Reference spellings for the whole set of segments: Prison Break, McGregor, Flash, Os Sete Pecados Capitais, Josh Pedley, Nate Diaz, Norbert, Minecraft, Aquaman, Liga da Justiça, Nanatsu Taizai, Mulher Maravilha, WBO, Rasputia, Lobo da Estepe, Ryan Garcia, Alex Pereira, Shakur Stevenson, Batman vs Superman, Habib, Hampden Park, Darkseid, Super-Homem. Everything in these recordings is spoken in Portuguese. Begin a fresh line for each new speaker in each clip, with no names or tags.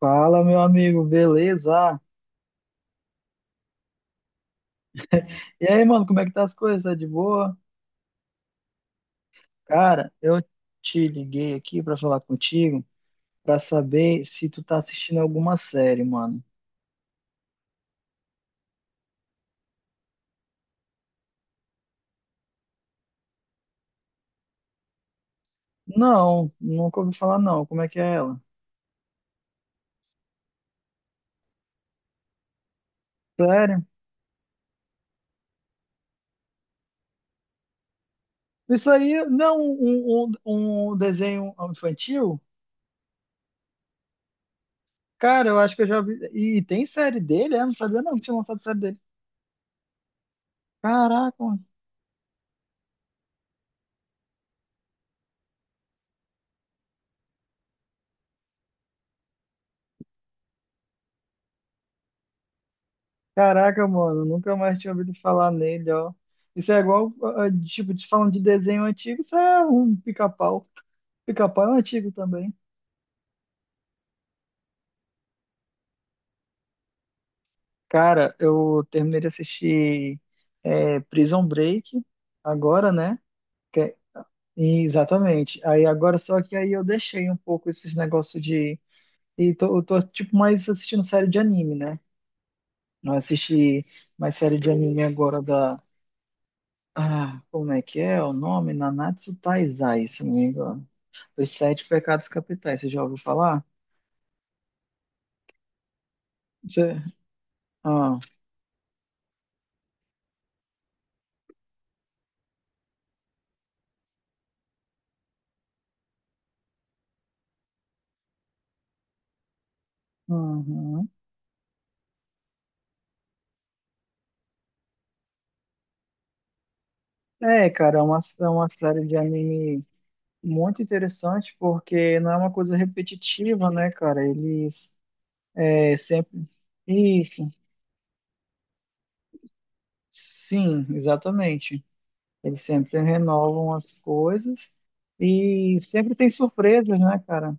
Fala, meu amigo, beleza? E aí, mano, como é que tá as coisas? Tá de boa? Cara, eu te liguei aqui pra falar contigo, pra saber se tu tá assistindo alguma série, mano. Não, nunca ouvi falar não. Como é que é ela? Sério? Isso aí não um desenho infantil? Cara, eu acho que eu já vi. E tem série dele? É, não sabia não que tinha lançado série dele. Caraca, Caraca, mano, nunca mais tinha ouvido falar nele, ó. Isso é igual, tipo, te falando de desenho antigo, isso é um pica-pau. Pica-pau é um antigo também. Cara, eu terminei de assistir Prison Break agora, né? Que é- Exatamente. Aí agora só que aí eu deixei um pouco esses negócios de. E tô, eu tô tipo mais assistindo série de anime, né? Não assisti mais série de anime agora da. Ah, como é que é o nome? Nanatsu Taizai, se não me engano. Os Sete Pecados Capitais, você já ouviu falar? Você- Ah, uhum. É, cara, é uma série de anime muito interessante porque não é uma coisa repetitiva, né, cara? Eles é sempre. Isso, sim, exatamente. Eles sempre renovam as coisas e sempre tem surpresas, né, cara?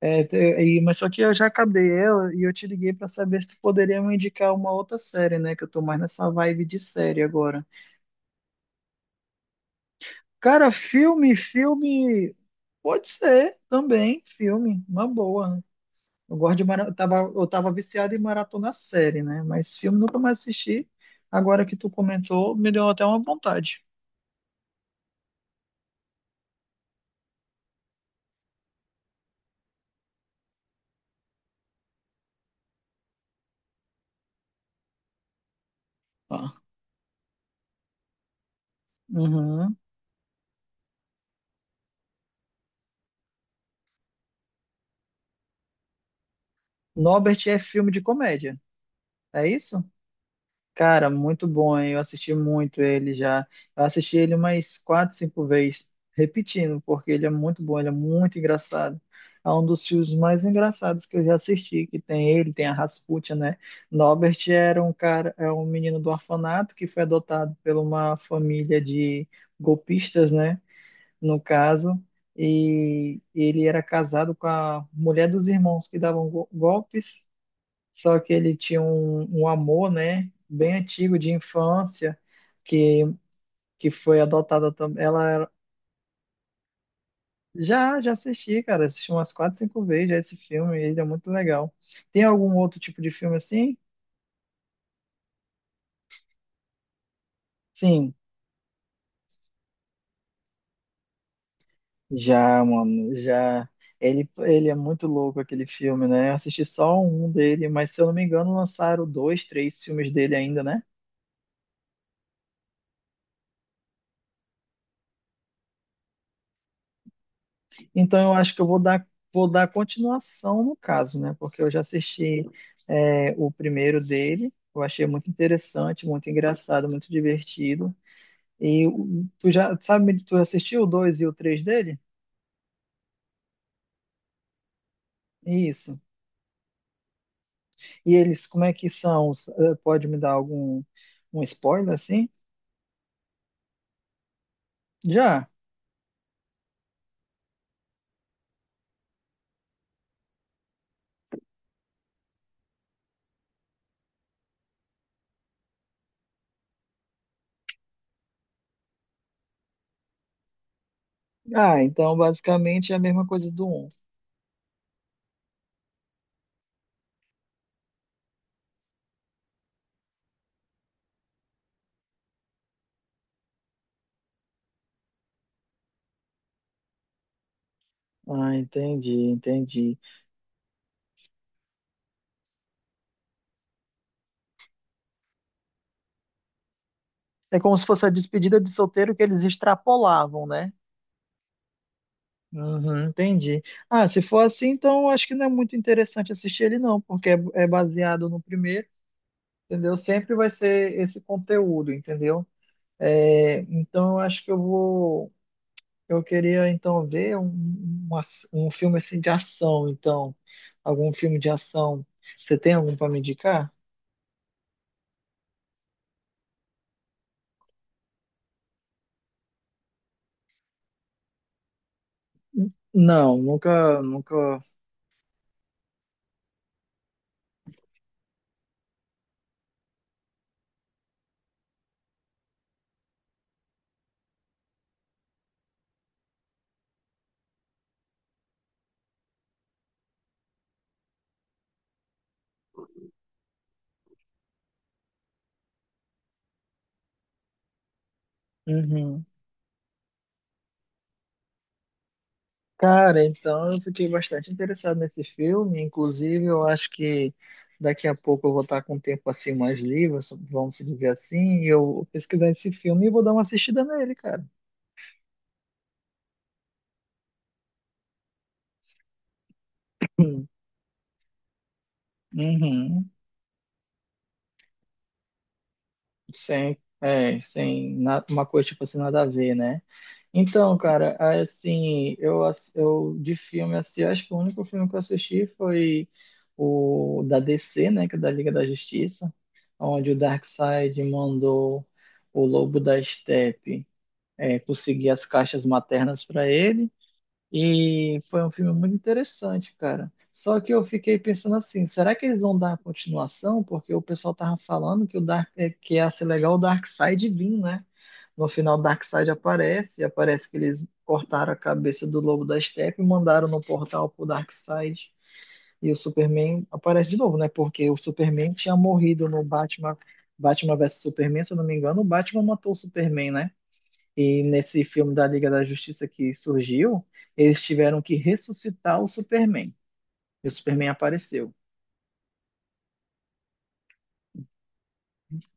É, te- mas só que eu já acabei ela e eu te liguei pra saber se tu poderia me indicar uma outra série, né? Que eu tô mais nessa vibe de série agora. Cara, filme. Pode ser também, filme, uma boa. Eu gosto de mara... eu tava viciado em maratona série, né? Mas filme nunca mais assisti. Agora que tu comentou, me deu até uma vontade. Ah. Uhum. Norbert é filme de comédia, é isso? Cara, muito bom, hein? Eu assisti muito ele já. Eu assisti ele umas quatro, cinco vezes, repetindo, porque ele é muito bom, ele é muito engraçado. É um dos filmes mais engraçados que eu já assisti, que tem ele, tem a Rasputia, né? Norbert era um cara, é um menino do orfanato que foi adotado por uma família de golpistas, né? No caso, e ele era casado com a mulher dos irmãos que davam go- golpes só que ele tinha um amor, né, bem antigo de infância, que, que foi adotada também. Já já assisti, cara, assisti umas quatro, cinco vezes já esse filme, ele é muito legal. Tem algum outro tipo de filme assim? Sim, já, mano, já. Ele é muito louco aquele filme, né? Eu assisti só um dele, mas se eu não me engano, lançaram dois, três filmes dele ainda, né? Então eu acho que eu vou dar continuação no caso, né? Porque eu já assisti o primeiro dele, eu achei muito interessante, muito engraçado, muito divertido. Tu já sabe, tu assistiu o 2 e o 3 dele? Isso. E eles, como é que são? Pode me dar algum um spoiler assim? Já. Ah, então basicamente é a mesma coisa do um. Ah, entendi. É como se fosse a despedida de solteiro que eles extrapolavam, né? Uhum, entendi. Ah, se for assim, então eu acho que não é muito interessante assistir ele, não, porque é baseado no primeiro, entendeu? Sempre vai ser esse conteúdo, entendeu? É, então eu acho que eu vou. Eu queria então ver um filme assim de ação, então. Algum filme de ação. Você tem algum para me indicar? Não, nunca. Uhum. Cara, então eu fiquei bastante interessado nesse filme. Inclusive, eu acho que daqui a pouco eu vou estar com um tempo assim mais livre, so, vamos dizer assim, e eu vou pesquisar esse filme e vou dar uma assistida nele, cara. Hum, Uhum. Sem, sem na- uma coisa tipo assim, nada a ver, né? Então, cara, assim, eu de filme, assim, acho que o único filme que eu assisti foi o da DC, né, que é da Liga da Justiça, onde o Darkseid mandou o Lobo da Estepe conseguir as caixas maternas para ele, e foi um filme muito interessante, cara. Só que eu fiquei pensando assim, será que eles vão dar a continuação? Porque o pessoal tava falando que o que ia ser legal o Darkseid vir, né? No final, o Darkseid aparece, e aparece que eles cortaram a cabeça do Lobo da Steppe e mandaram no portal pro Darkseid. E o Superman aparece de novo, né? Porque o Superman tinha morrido no Batman, Batman vs Superman, se eu não me engano, o Batman matou o Superman, né? E nesse filme da Liga da Justiça que surgiu, eles tiveram que ressuscitar o Superman. E o Superman apareceu.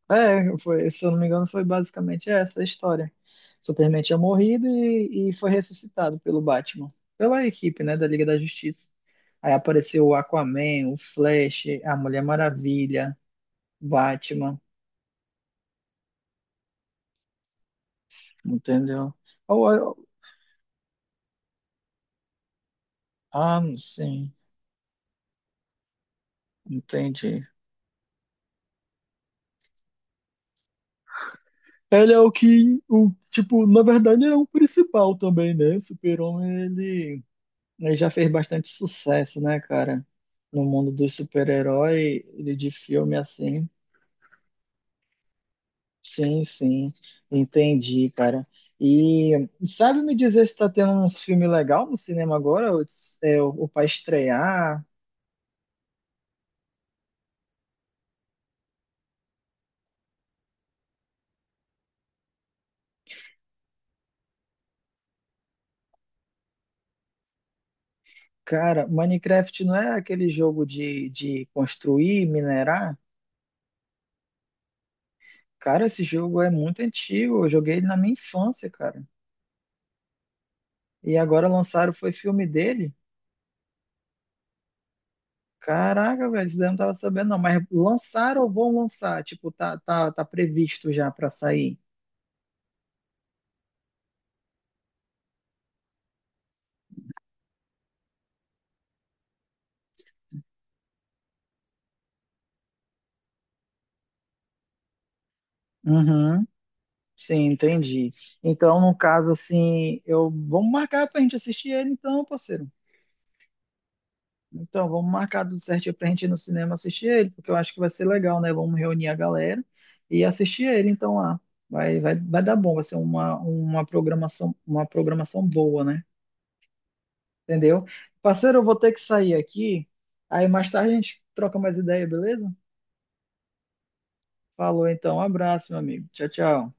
É, foi, se eu não me engano, foi basicamente essa a história. Superman tinha morrido e foi ressuscitado pelo Batman, pela equipe, né, da Liga da Justiça. Aí apareceu o Aquaman, o Flash, a Mulher Maravilha, Batman, entendeu? Ah, sim, entendi. Ele é o que, o, tipo, na verdade ele é o principal também, né? Super-Homem, ele já fez bastante sucesso, né, cara? No mundo dos super-herói, ele de filme assim. Sim, sim, entendi, cara. E sabe me dizer se tá tendo uns filmes legais no cinema agora? Ou, ou pra estrear? Cara, Minecraft não é aquele jogo de construir, minerar? Cara, esse jogo é muito antigo. Eu joguei ele na minha infância, cara. E agora lançaram, foi filme dele? Caraca, velho, isso daí eu não tava sabendo, não. Mas lançaram ou vão lançar? Tipo, tá previsto já pra sair. Uhum. Sim, entendi. Então, no caso, assim, eu vamos marcar pra gente assistir ele, então, parceiro. Então, vamos marcar tudo certinho pra gente ir no cinema assistir ele, porque eu acho que vai ser legal, né? Vamos reunir a galera e assistir ele, então, lá. Vai dar bom, vai ser uma programação boa, né? Entendeu? Parceiro, eu vou ter que sair aqui. Aí mais tarde a gente troca mais ideia, beleza? Falou então, um abraço, meu amigo. Tchau, tchau.